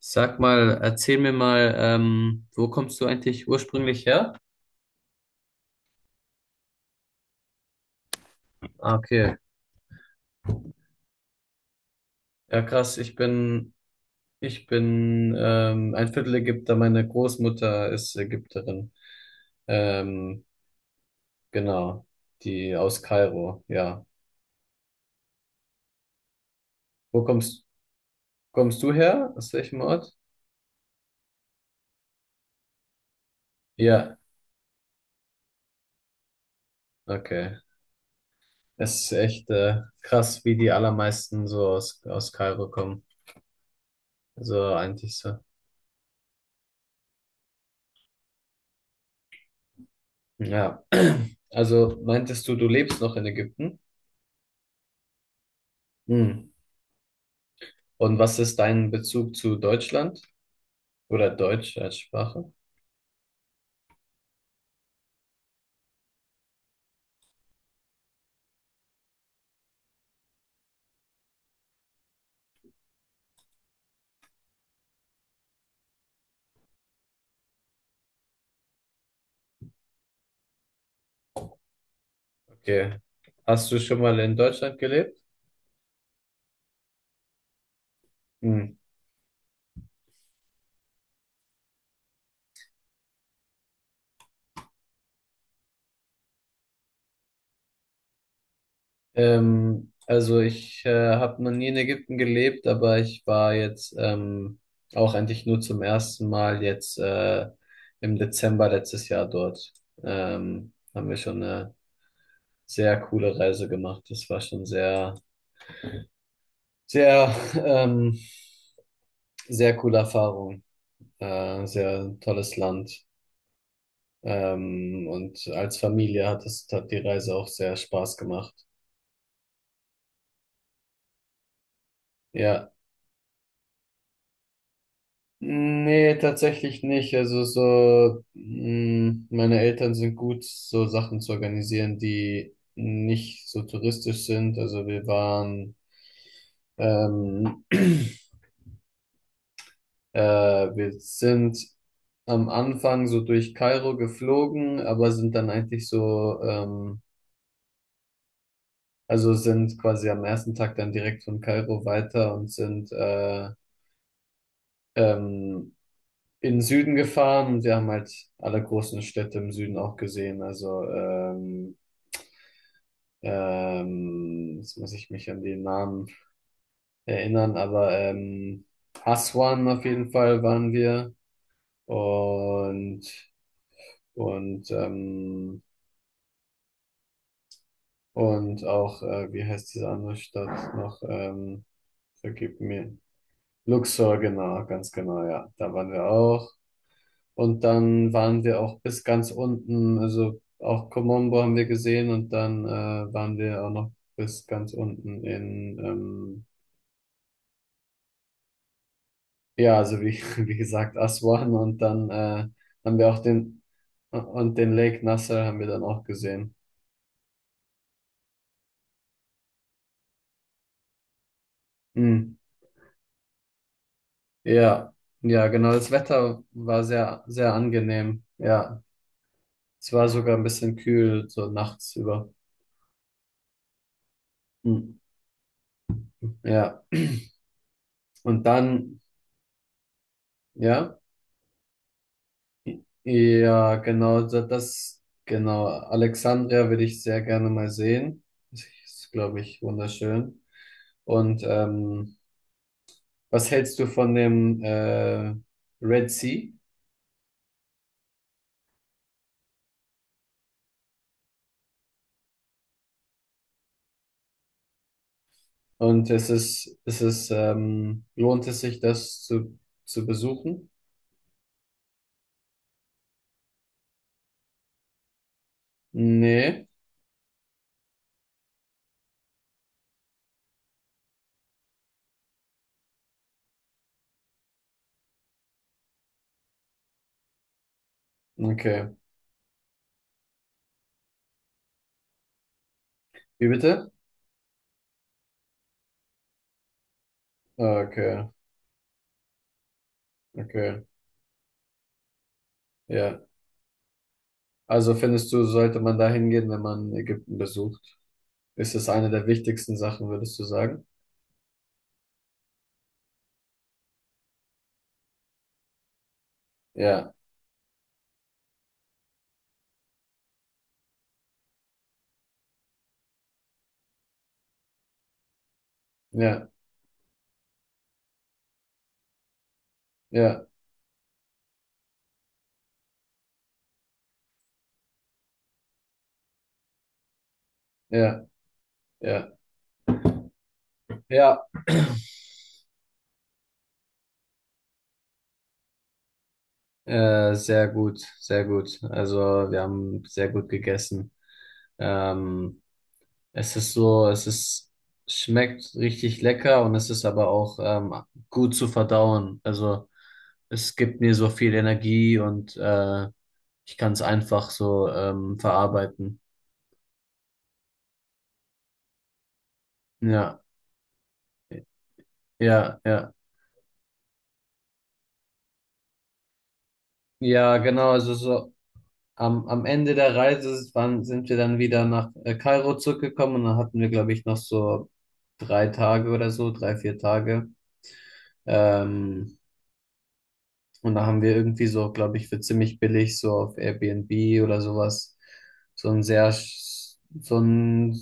Sag mal, erzähl mir mal, wo kommst du eigentlich ursprünglich her? Ah, okay. Ja, krass. Ich bin ein Viertel Ägypter. Meine Großmutter ist Ägypterin. Ähm, genau. Die aus Kairo, ja. Wo kommst, kommst du her? Aus welchem Ort? Ja, okay. Es ist echt krass, wie die allermeisten so aus Kairo kommen. Also eigentlich so. Ja. Also meintest du, du lebst noch in Ägypten? Hm. Und was ist dein Bezug zu Deutschland oder Deutsch als Sprache? Okay. Hast du schon mal in Deutschland gelebt? Hm. Also ich habe noch nie in Ägypten gelebt, aber ich war jetzt auch eigentlich nur zum ersten Mal jetzt im Dezember letztes Jahr dort. Haben wir schon eine sehr coole Reise gemacht. Das war schon sehr, ähm, sehr coole Erfahrung. Sehr tolles Land. Und als Familie hat die Reise auch sehr Spaß gemacht. Ja, nee, tatsächlich nicht. Also so, mh, meine Eltern sind gut, so Sachen zu organisieren, die nicht so touristisch sind. Ähm, äh, wir sind am Anfang so durch Kairo geflogen, aber sind dann eigentlich also sind quasi am ersten Tag dann direkt von Kairo weiter und sind, ähm, in den Süden gefahren und wir haben halt alle großen Städte im Süden auch gesehen. Jetzt muss ich mich an den Namen erinnern, aber Aswan auf jeden Fall waren wir und und ähm, und auch, wie heißt diese andere Stadt noch? Vergib mir. Luxor, genau, ganz genau, ja. Da waren wir auch. Und dann waren wir auch bis ganz unten, also auch Komombo haben wir gesehen und dann waren wir auch noch bis ganz unten in, ja, also wie gesagt, Aswan und dann haben wir auch den, und den Lake Nasser haben wir dann auch gesehen. Hm. Ja, ja, genau, das Wetter war sehr, sehr angenehm. Ja, es war sogar ein bisschen kühl, so nachts über. Hm. Ja, und dann, ja. Ja, genau, genau. Alexandria würde ich sehr gerne mal sehen. Das ist, glaube ich, wunderschön. Und was hältst du von dem Red Sea? Und lohnt es sich, zu besuchen? Nee. Okay. Wie bitte? Okay, okay. Ja. Also findest du, sollte man da hingehen, wenn man Ägypten besucht? Ist es eine der wichtigsten Sachen, würdest du sagen? Ja, ja, ja. Ja, ja, ja, sehr gut, sehr gut. Also wir haben sehr gut gegessen. Ähm, es ist es ist, schmeckt richtig lecker und es ist aber auch gut zu verdauen. Also es gibt mir so viel Energie und ich kann es einfach so verarbeiten. Ja, ja, ja. Ja, genau, also so. Am Ende der Reise sind wir dann wieder nach Kairo zurückgekommen und dann hatten wir, glaube ich, noch so drei Tage oder so, drei, vier Tage. Ähm, und da haben wir irgendwie so, glaube ich, für ziemlich billig so auf Airbnb oder sowas so ein sehr, sch- so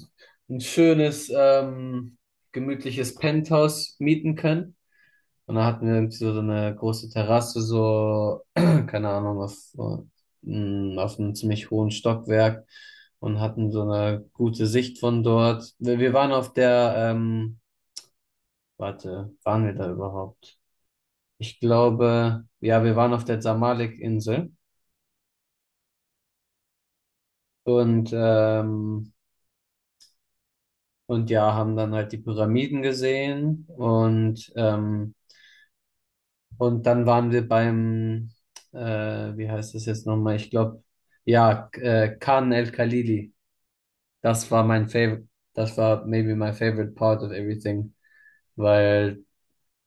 ein schönes, gemütliches Penthouse mieten können. Und da hatten wir irgendwie so eine große Terrasse, so, keine Ahnung, auf einem ziemlich hohen Stockwerk und hatten so eine gute Sicht von dort. Wir waren auf der, warte, waren wir da überhaupt? Ich glaube, ja, wir waren auf der Zamalek-Insel und, ja, haben dann halt die Pyramiden gesehen und, und dann waren wir beim, äh, wie heißt das jetzt nochmal? Ich glaube, ja, Khan El Khalili. Das war mein favorite, das war maybe my favorite part of everything, weil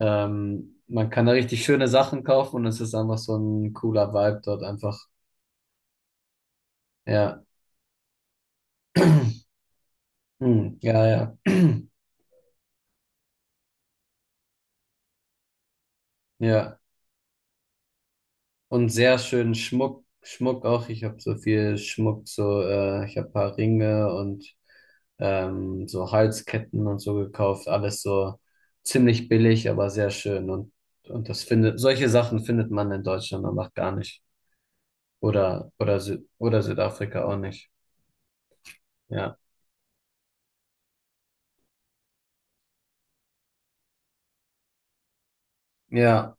man kann da richtig schöne Sachen kaufen und es ist einfach so ein cooler Vibe dort einfach. Ja, hm, ja, ja, ja. Und sehr schön Schmuck, Schmuck auch. Ich habe so viel Schmuck, so ich habe ein paar Ringe und so Halsketten und so gekauft. Alles so ziemlich billig, aber sehr schön. Und solche Sachen findet man in Deutschland einfach gar nicht. Oder, Sü oder Südafrika auch nicht. Ja. Ja,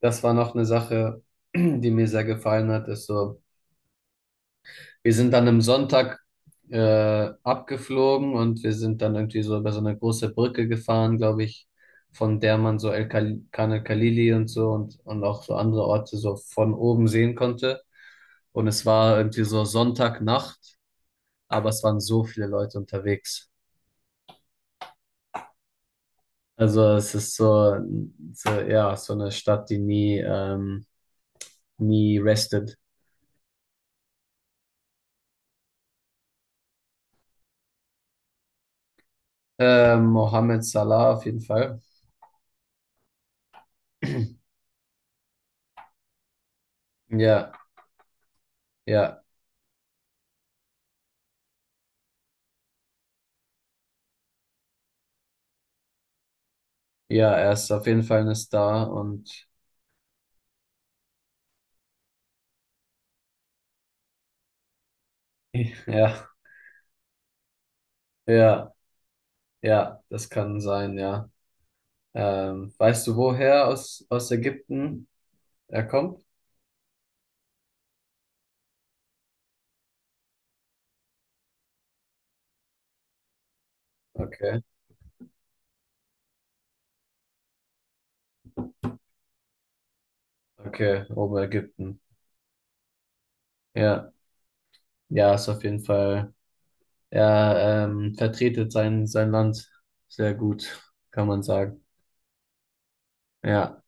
das war noch eine Sache, die mir sehr gefallen hat, ist so, wir sind dann am Sonntag abgeflogen und wir sind dann irgendwie so über so eine große Brücke gefahren, glaube ich, von der man so El Kal- Khan el-Khalili und so und auch so andere Orte so von oben sehen konnte. Und es war irgendwie so Sonntagnacht, aber es waren so viele Leute unterwegs. Also es ist so, so ja, so eine Stadt, die nie restet. Mohammed Salah auf jeden Fall. Ja, ja. Ja, er ist auf jeden Fall eine Star und ja, ja, ja, das kann sein, ja. Weißt du, woher aus Ägypten er kommt? Okay, okay, Oberägypten. Ja, ja, ist auf jeden Fall. Er vertretet sein Land sehr gut, kann man sagen. Ja.